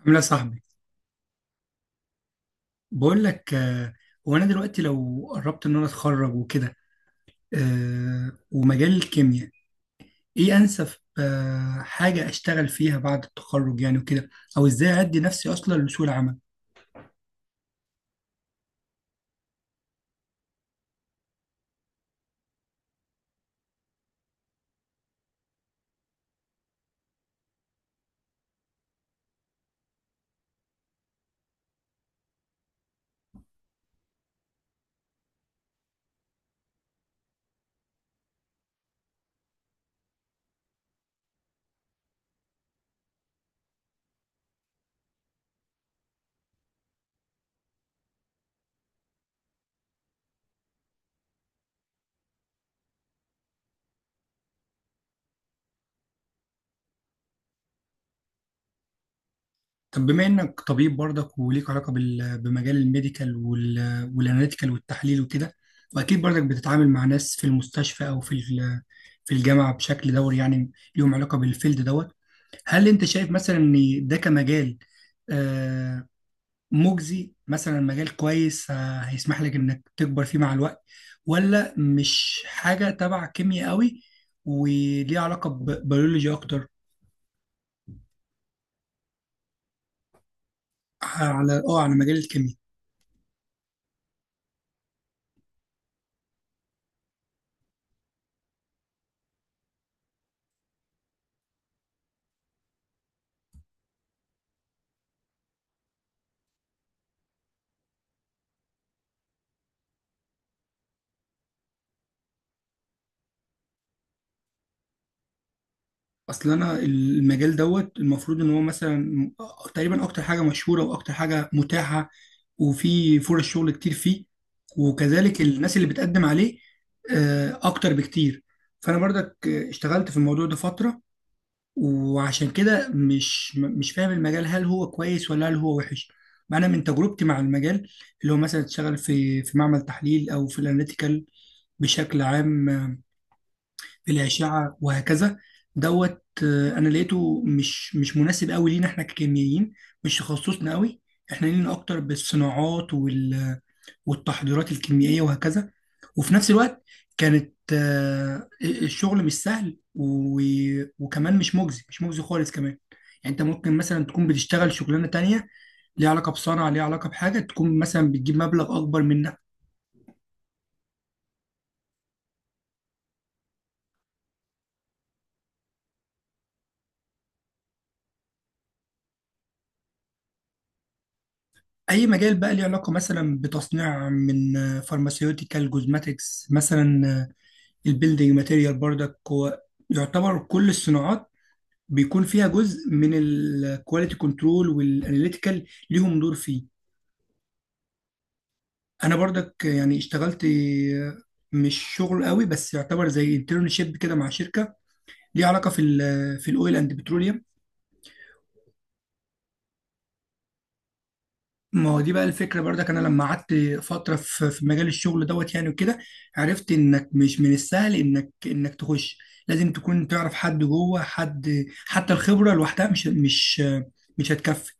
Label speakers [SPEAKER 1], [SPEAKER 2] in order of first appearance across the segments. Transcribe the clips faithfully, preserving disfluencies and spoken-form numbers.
[SPEAKER 1] عامل ايه يا صاحبي؟ بقول لك آه، هو انا دلوقتي لو قربت ان انا اتخرج وكده، آه، ومجال الكيمياء ايه انسب، آه، حاجه اشتغل فيها بعد التخرج يعني وكده، او ازاي ادي نفسي اصلا لسوق العمل. طب بما انك طبيب برضك وليك علاقه بال- بمجال الميديكال وال- والاناليتيكال والتحليل وكده، واكيد برضك بتتعامل مع ناس في المستشفى او في ال- في الجامعه بشكل دوري، يعني ليهم علاقه بالفيلد دوت. هل انت شايف مثلا ان ده كمجال آه، مجزي، مثلا مجال كويس، آه، هيسمح لك انك تكبر فيه مع الوقت، ولا مش حاجه تبع كيمياء قوي وليه علاقه ببيولوجي اكتر؟ آه، على اه على مجال الكيمياء. اصل انا المجال دوت المفروض ان هو مثلا م- تقريبا اكتر حاجه مشهوره واكتر حاجه متاحه، وفي فرص شغل كتير فيه، وكذلك الناس اللي بتقدم عليه آه، اكتر بكتير. فانا برضك آه، اشتغلت في الموضوع ده فتره، وعشان كده مش م- مش فاهم المجال هل هو كويس ولا هل هو وحش. ما انا من تجربتي مع المجال، اللي هو مثلا تشتغل في في معمل تحليل او في الاناليتيكال بشكل عام، آه، في الأشعة وهكذا دوت. آه، أنا لقيته مش مش مناسب قوي لينا احنا ككيميائيين، مش تخصصنا قوي. احنا لينا أكتر بالصناعات والتحضيرات الكيميائية وهكذا. وفي نفس الوقت كانت آه، الشغل مش سهل و... وكمان مش مجزي مش مجزي خالص كمان. يعني انت ممكن مثلا تكون بتشتغل شغلانة تانية ليها علاقة بصنعة، ليها علاقة بحاجة، تكون مثلا بتجيب مبلغ أكبر منها. أي مجال بقى ليه علاقة مثلا بتصنيع، من فارماسيوتيكال جوزماتكس مثلا، آه، البيلدينج ماتيريال برضك. هو يعتبر كل الصناعات بيكون فيها جزء من الكواليتي كنترول، والاناليتيكال ليهم دور فيه. انا برضك يعني اشتغلت مش شغل قوي، بس يعتبر زي انترنشيب كده، مع شركه ليها علاقه في ال في الاويل اند بتروليوم. ما هو دي بقى الفكره، برضك انا لما قعدت فتره في في مجال الشغل دوت يعني وكده، عرفت انك مش من السهل انك انك تخش. لازم تكون تعرف حد جوه، حد حتى الخبره لوحدها مش مش مش هتكفي.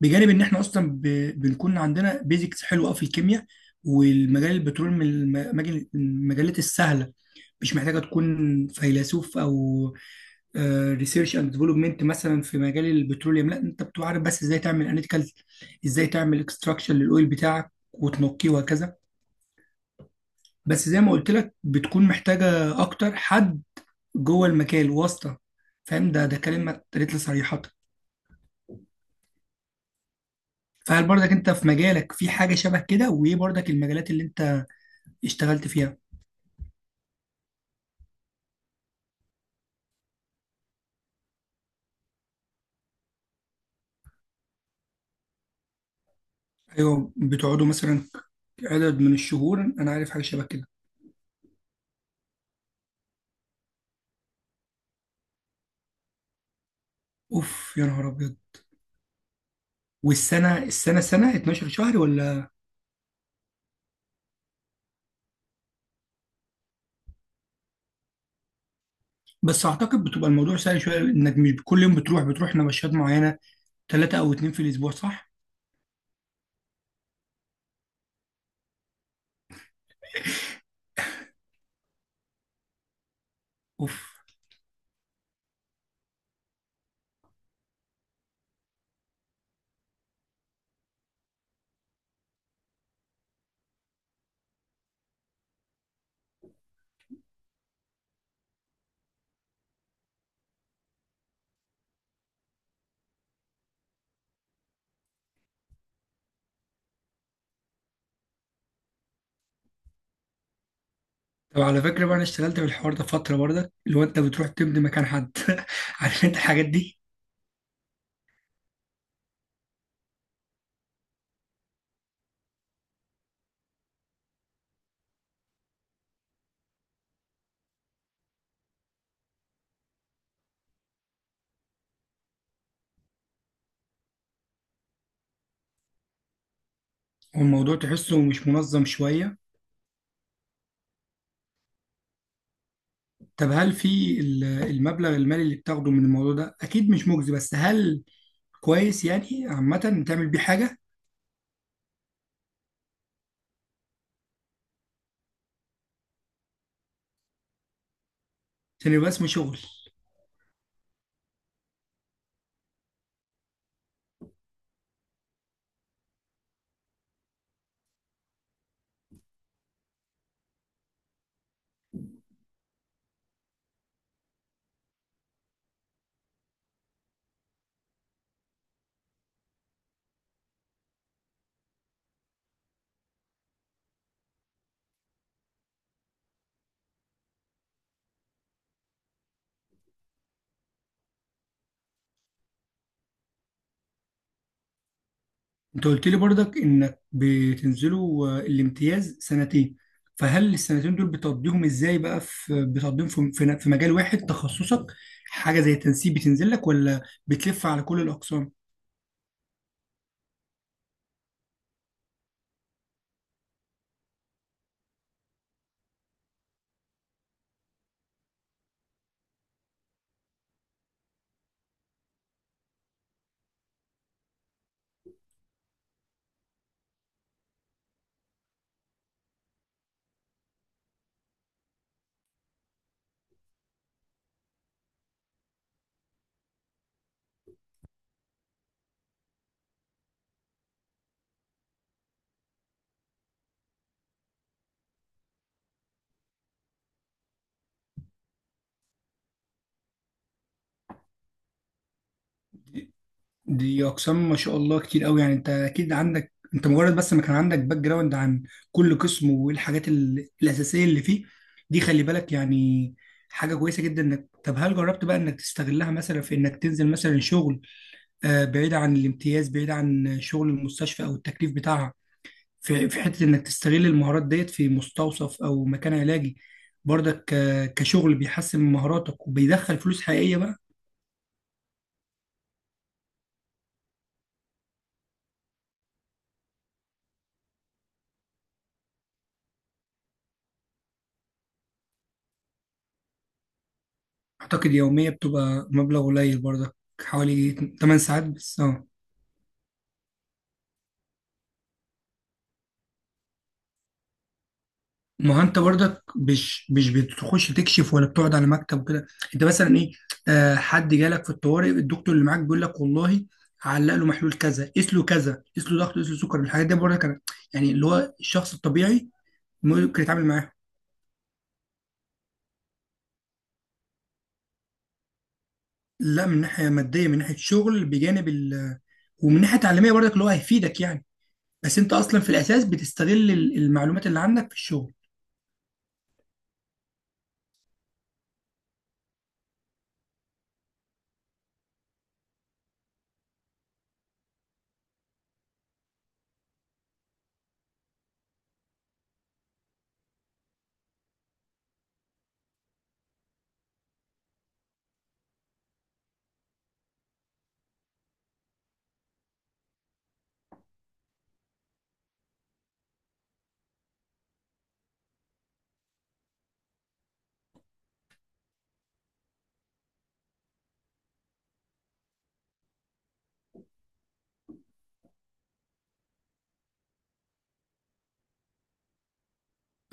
[SPEAKER 1] بجانب ان احنا اصلا ب- بنكون عندنا بيزكس حلوه أوي في الكيمياء. والمجال البترول من الم- المجال- المجالات السهله، مش محتاجة تكون فيلسوف أو ريسيرش اند ديفلوبمنت مثلا. في مجال البتروليوم لا، انت بتبقى عارف بس ازاي تعمل اناليتيكال، ازاي تعمل اكستراكشن للاويل بتاعك وتنقيه وهكذا. بس زي ما قلت لك بتكون محتاجة اكتر حد جوه المجال، واسطة فاهم. ده ده كلمة اتقالت لي صريحة. فهل برضك انت في مجالك في حاجة شبه كده؟ وايه برضك المجالات اللي انت اشتغلت فيها؟ ايوه، بتقعدوا مثلا عدد من الشهور، انا عارف حاجة شبه كده. اوف يا نهار ابيض. والسنه السنه سنه اتناشر شهر ولا؟ بس اعتقد بتبقى الموضوع سهل شويه، انك مش كل يوم بتروح بتروح نبشات معينه، ثلاثه او اتنين في الاسبوع، صح؟ اوف. طب على فكره بقى، انا اشتغلت في الحوار ده فتره برضك، اللي هو انت بتروح تمضي مكان حد. عارف انت الحاجات دي. والموضوع تحسه مش منظم شويه. طب هل في ال- المبلغ المالي اللي بتاخده من الموضوع ده، اكيد مش مجزي، بس هل كويس يعني عامه تعمل بيه حاجه؟ عشان يبقى اسمه شغل. انت قلت لي برضك انك بتنزلوا آه، الامتياز سنتين. فهل السنتين دول بتقضيهم ازاي بقى؟ في بتقضيهم في في في مجال واحد تخصصك؟ حاجه زي التنسيق بتنزل لك، ولا بتلف على كل الاقسام؟ دي اقسام ما شاء الله كتير قوي. يعني انت اكيد عندك، انت مجرد بس ما كان عندك باك جراوند عن كل قسم والحاجات ال- الاساسيه اللي فيه، دي خلي بالك يعني، حاجه كويسه جدا. انك، طب هل جربت بقى انك تستغلها مثلا في انك تنزل مثلا شغل آه، بعيد عن الامتياز، بعيد عن شغل المستشفى او التكليف بتاعها، في في حته انك تستغل المهارات ديت في مستوصف او مكان علاجي، برضك آه، كشغل بيحسن من مهاراتك وبيدخل فلوس حقيقيه بقى؟ اعتقد يوميه بتبقى مبلغ قليل برضك. حوالي ثماني ساعات بس اه. ما هو انت برضك مش مش بتخش تكشف ولا بتقعد على مكتب وكده؟ انت مثلا ايه، آه حد جالك في الطوارئ، الدكتور اللي معاك بيقول لك والله علق له محلول كذا، قيس له كذا، قيس له ضغط، قيس له سكر. الحاجات دي برضك انا يعني، اللي هو الشخص الطبيعي ممكن يتعامل معاها. لا، من ناحيه ماديه، من ناحيه شغل بجانب ال، ومن ناحيه تعليميه برضك اللي هو هيفيدك يعني. بس انت اصلا في الاساس بتستغل ال- المعلومات اللي عندك في الشغل.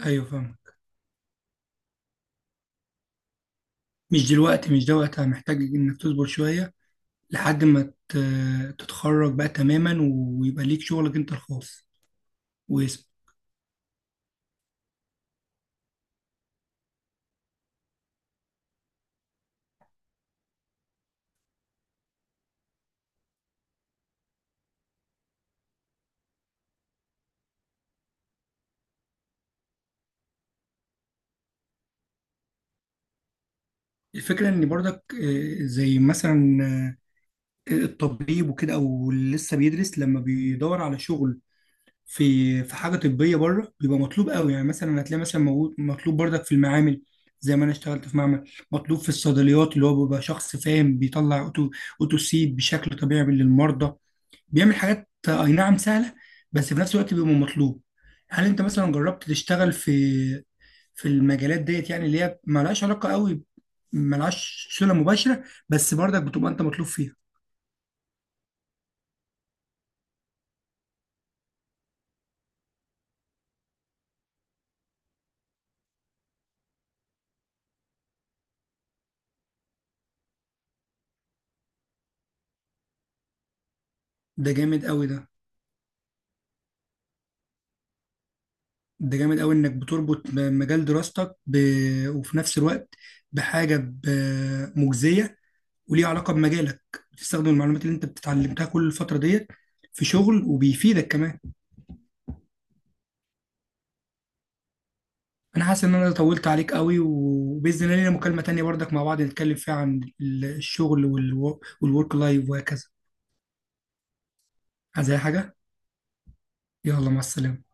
[SPEAKER 1] ايوه فاهم. مش دلوقتي، مش ده وقتها، محتاج انك تصبر شويه لحد ما ت- تتخرج بقى تماما ويبقى ليك شغلك انت الخاص واسم. الفكرة ان برضك آه، زي مثلا آه، الطبيب وكده، او اللي لسه بيدرس، لما بيدور على شغل في في حاجة طبية بره بيبقى مطلوب قوي. يعني مثلا هتلاقي مثلا موجود- مطلوب برضك في المعامل، زي ما انا اشتغلت في معمل، مطلوب في الصيدليات، اللي هو بيبقى شخص فاهم بيطلع اوتو اوتوسيد بشكل طبيعي للمرضى، بيعمل حاجات آه، اي نعم سهله، بس في نفس الوقت بيبقى مطلوب. هل انت مثلا جربت تشتغل في في المجالات ديت، يعني اللي هي مالهاش علاقه قوي، مالهاش صله مباشره، بس برضك بتبقى انت مطلوب فيها؟ ده جامد قوي ده. ده جامد قوي انك بتربط ب- مجال دراستك ب، وفي نفس الوقت بحاجه ب، مجزيه وليها علاقه بمجالك، بتستخدم المعلومات اللي انت بتتعلمتها كل الفتره ديت في شغل، وبيفيدك كمان. انا حاسس ان انا طولت عليك قوي، وباذن الله لينا مكالمة تانية برضك مع بعض نتكلم فيها عن ال- الشغل والورك لايف وهكذا. عايز اي حاجة؟ يلا مع السلامة.